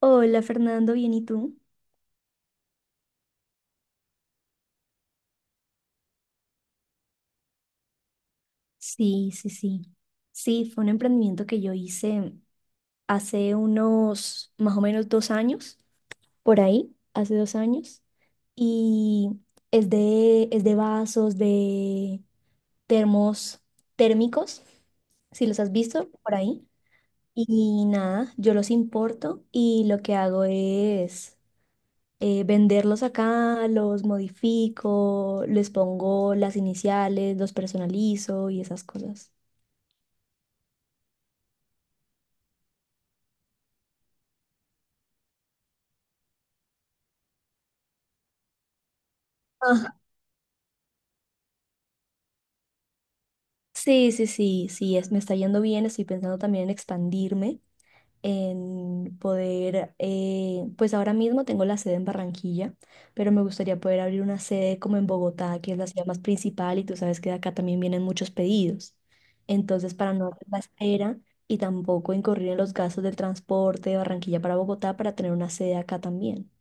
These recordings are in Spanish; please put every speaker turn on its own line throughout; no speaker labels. Hola Fernando, bien, ¿y tú? Sí, sí, sí. Sí, fue un emprendimiento que yo hice hace unos más o menos 2 años, por ahí, hace 2 años, y es de vasos, de termos térmicos, si los has visto por ahí. Y nada, yo los importo y lo que hago es venderlos acá, los modifico, les pongo las iniciales, los personalizo y esas cosas. Ajá. Sí, sí, sí, sí, me está yendo bien, estoy pensando también en expandirme. Pues ahora mismo tengo la sede en Barranquilla, pero me gustaría poder abrir una sede como en Bogotá, que es la ciudad más principal y tú sabes que de acá también vienen muchos pedidos. Entonces, para no hacer la espera y tampoco incurrir en los gastos del transporte de Barranquilla para Bogotá para tener una sede acá también.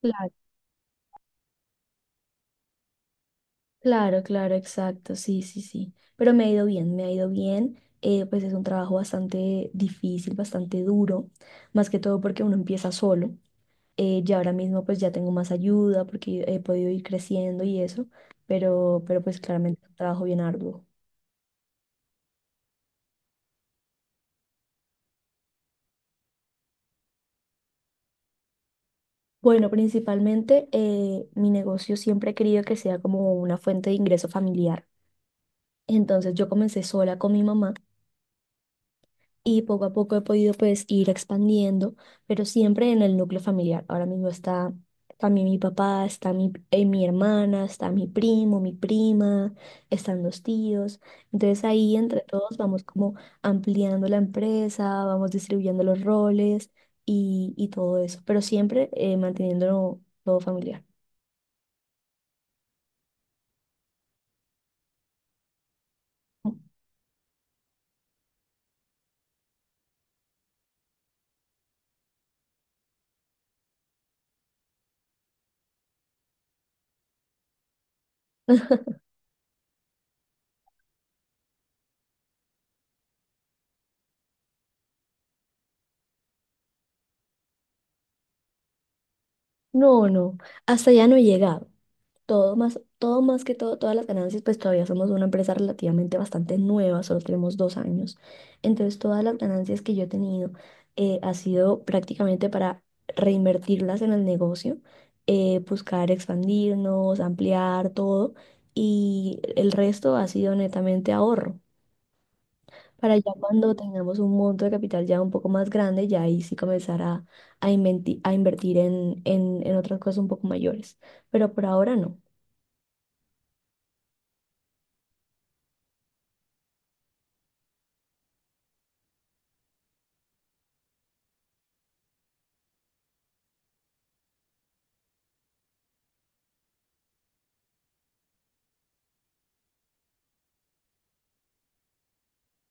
Claro, claro, claro, exacto, sí, sí, sí. Pero me ha ido bien, me ha ido bien. Pues es un trabajo bastante difícil, bastante duro, más que todo porque uno empieza solo. Ya ahora mismo pues ya tengo más ayuda porque he podido ir creciendo y eso, pero pues claramente un trabajo bien arduo. Bueno, principalmente mi negocio siempre he querido que sea como una fuente de ingreso familiar. Entonces yo comencé sola con mi mamá y poco a poco he podido pues ir expandiendo, pero siempre en el núcleo familiar. Ahora mismo está también mi papá, está mi hermana, está mi primo, mi prima, están los tíos. Entonces ahí entre todos vamos como ampliando la empresa, vamos distribuyendo los roles y todo eso, pero siempre manteniéndolo todo familiar. No, no, hasta ya no he llegado. Todo más que todo, todas las ganancias, pues todavía somos una empresa relativamente bastante nueva, solo tenemos 2 años. Entonces, todas las ganancias que yo he tenido ha sido prácticamente para reinvertirlas en el negocio, buscar expandirnos, ampliar todo, y el resto ha sido netamente ahorro. Para ya cuando tengamos un monto de capital ya un poco más grande, ya ahí sí comenzar a invertir en otras cosas un poco mayores. Pero por ahora no.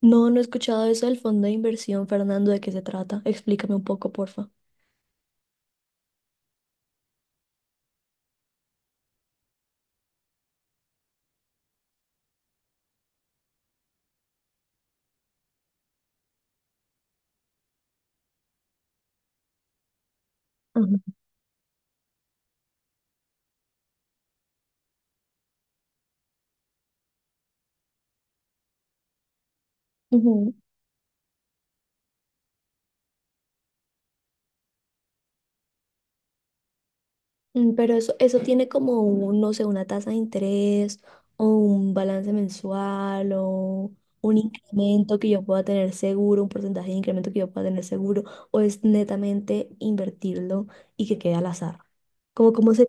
No, no he escuchado eso del fondo de inversión, Fernando, ¿de qué se trata? Explícame un poco, porfa. Ajá. Ujú. Pero eso tiene como, no sé, una tasa de interés o un balance mensual o un incremento que yo pueda tener seguro, un porcentaje de incremento que yo pueda tener seguro, o es netamente invertirlo y que quede al azar. Cómo se.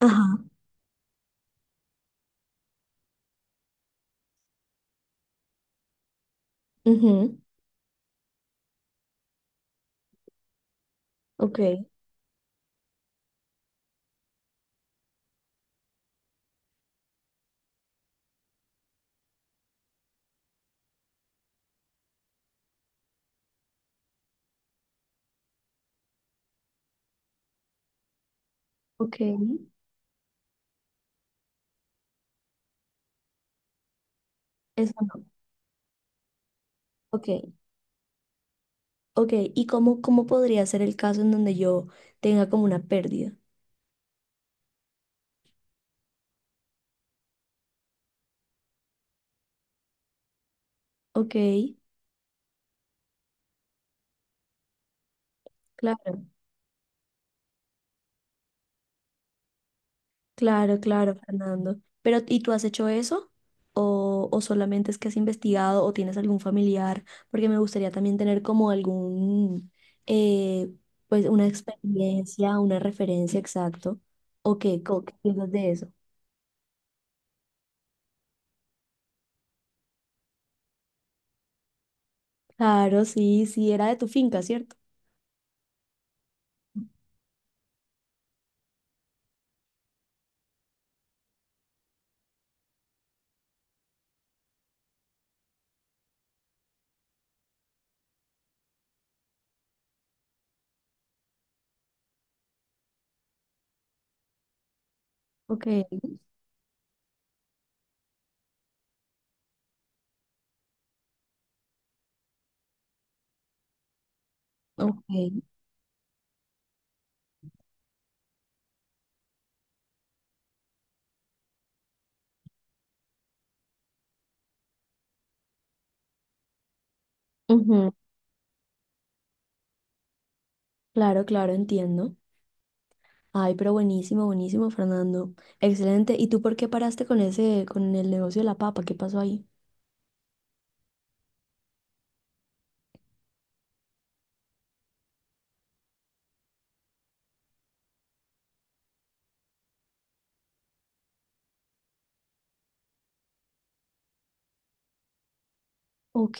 Ajá. Ujú. Ok. Ok. Eso no. Ok. Ok. ¿Y cómo podría ser el caso en donde yo tenga como una pérdida? Ok, claro, claro, claro, Fernando. Pero, ¿y tú has hecho eso? ¿O solamente es que has investigado o tienes algún familiar? Porque me gustaría también tener como eh, pues una experiencia, una referencia exacto. ¿O qué piensas de eso? Claro, sí, sí, era de tu finca, ¿cierto? Ok, ok. Ujú. Claro, claro, entiendo. Ay, pero buenísimo, buenísimo, Fernando. Excelente. ¿Y tú por qué paraste con el negocio de la papa? ¿Qué pasó ahí? Ok,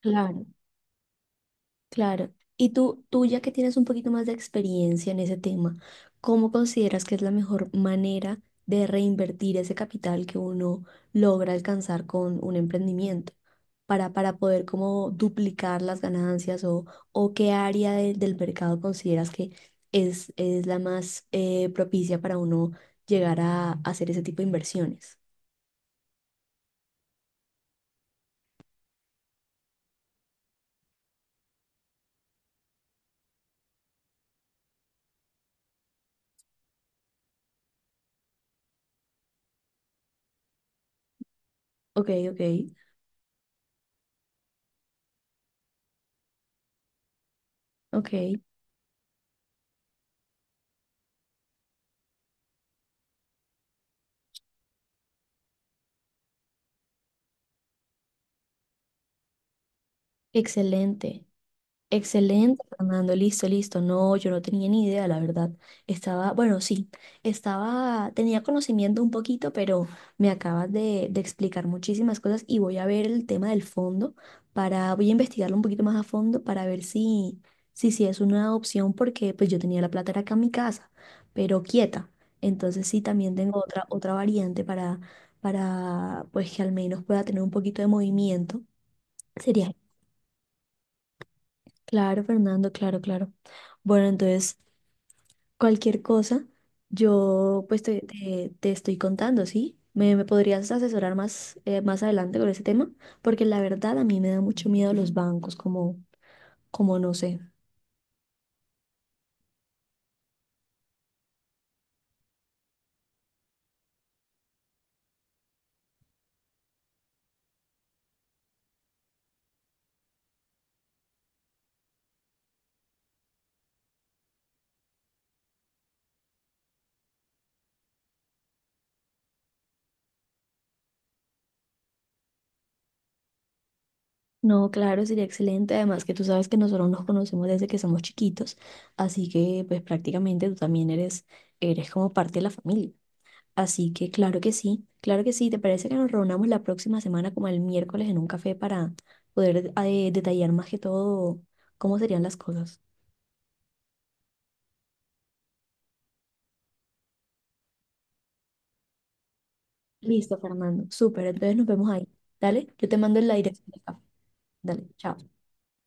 claro, claro. Y tú ya que tienes un poquito más de experiencia en ese tema, ¿cómo consideras que es la mejor manera de reinvertir ese capital que uno logra alcanzar con un emprendimiento para poder como duplicar las ganancias o qué área del mercado consideras que es la más propicia para uno llegar a hacer ese tipo de inversiones? Ok, ok, ok. Excelente. Excelente, Fernando. Listo, listo. No, yo no tenía ni idea, la verdad. Estaba, bueno, sí, estaba, tenía conocimiento un poquito, pero me acabas de explicar muchísimas cosas y voy a ver el tema del fondo voy a investigarlo un poquito más a fondo para ver si es una opción, porque pues yo tenía la plata era acá en mi casa, pero quieta. Entonces sí, también tengo otra variante para, pues que al menos pueda tener un poquito de movimiento. Sería. Claro, Fernando, claro, claro. Bueno, entonces, cualquier cosa, yo pues te estoy contando, ¿sí? ¿Me podrías asesorar más, más adelante con ese tema? Porque la verdad a mí me da mucho miedo los bancos, como no sé. No, claro, sería excelente. Además que tú sabes que nosotros nos conocemos desde que somos chiquitos, así que pues prácticamente tú también eres como parte de la familia. Así que claro que sí, claro que sí. ¿Te parece que nos reunamos la próxima semana como el miércoles en un café para poder detallar más que todo cómo serían las cosas? Listo, Fernando. Súper, entonces nos vemos ahí. Dale, yo te mando la dirección del café. Dale, chao.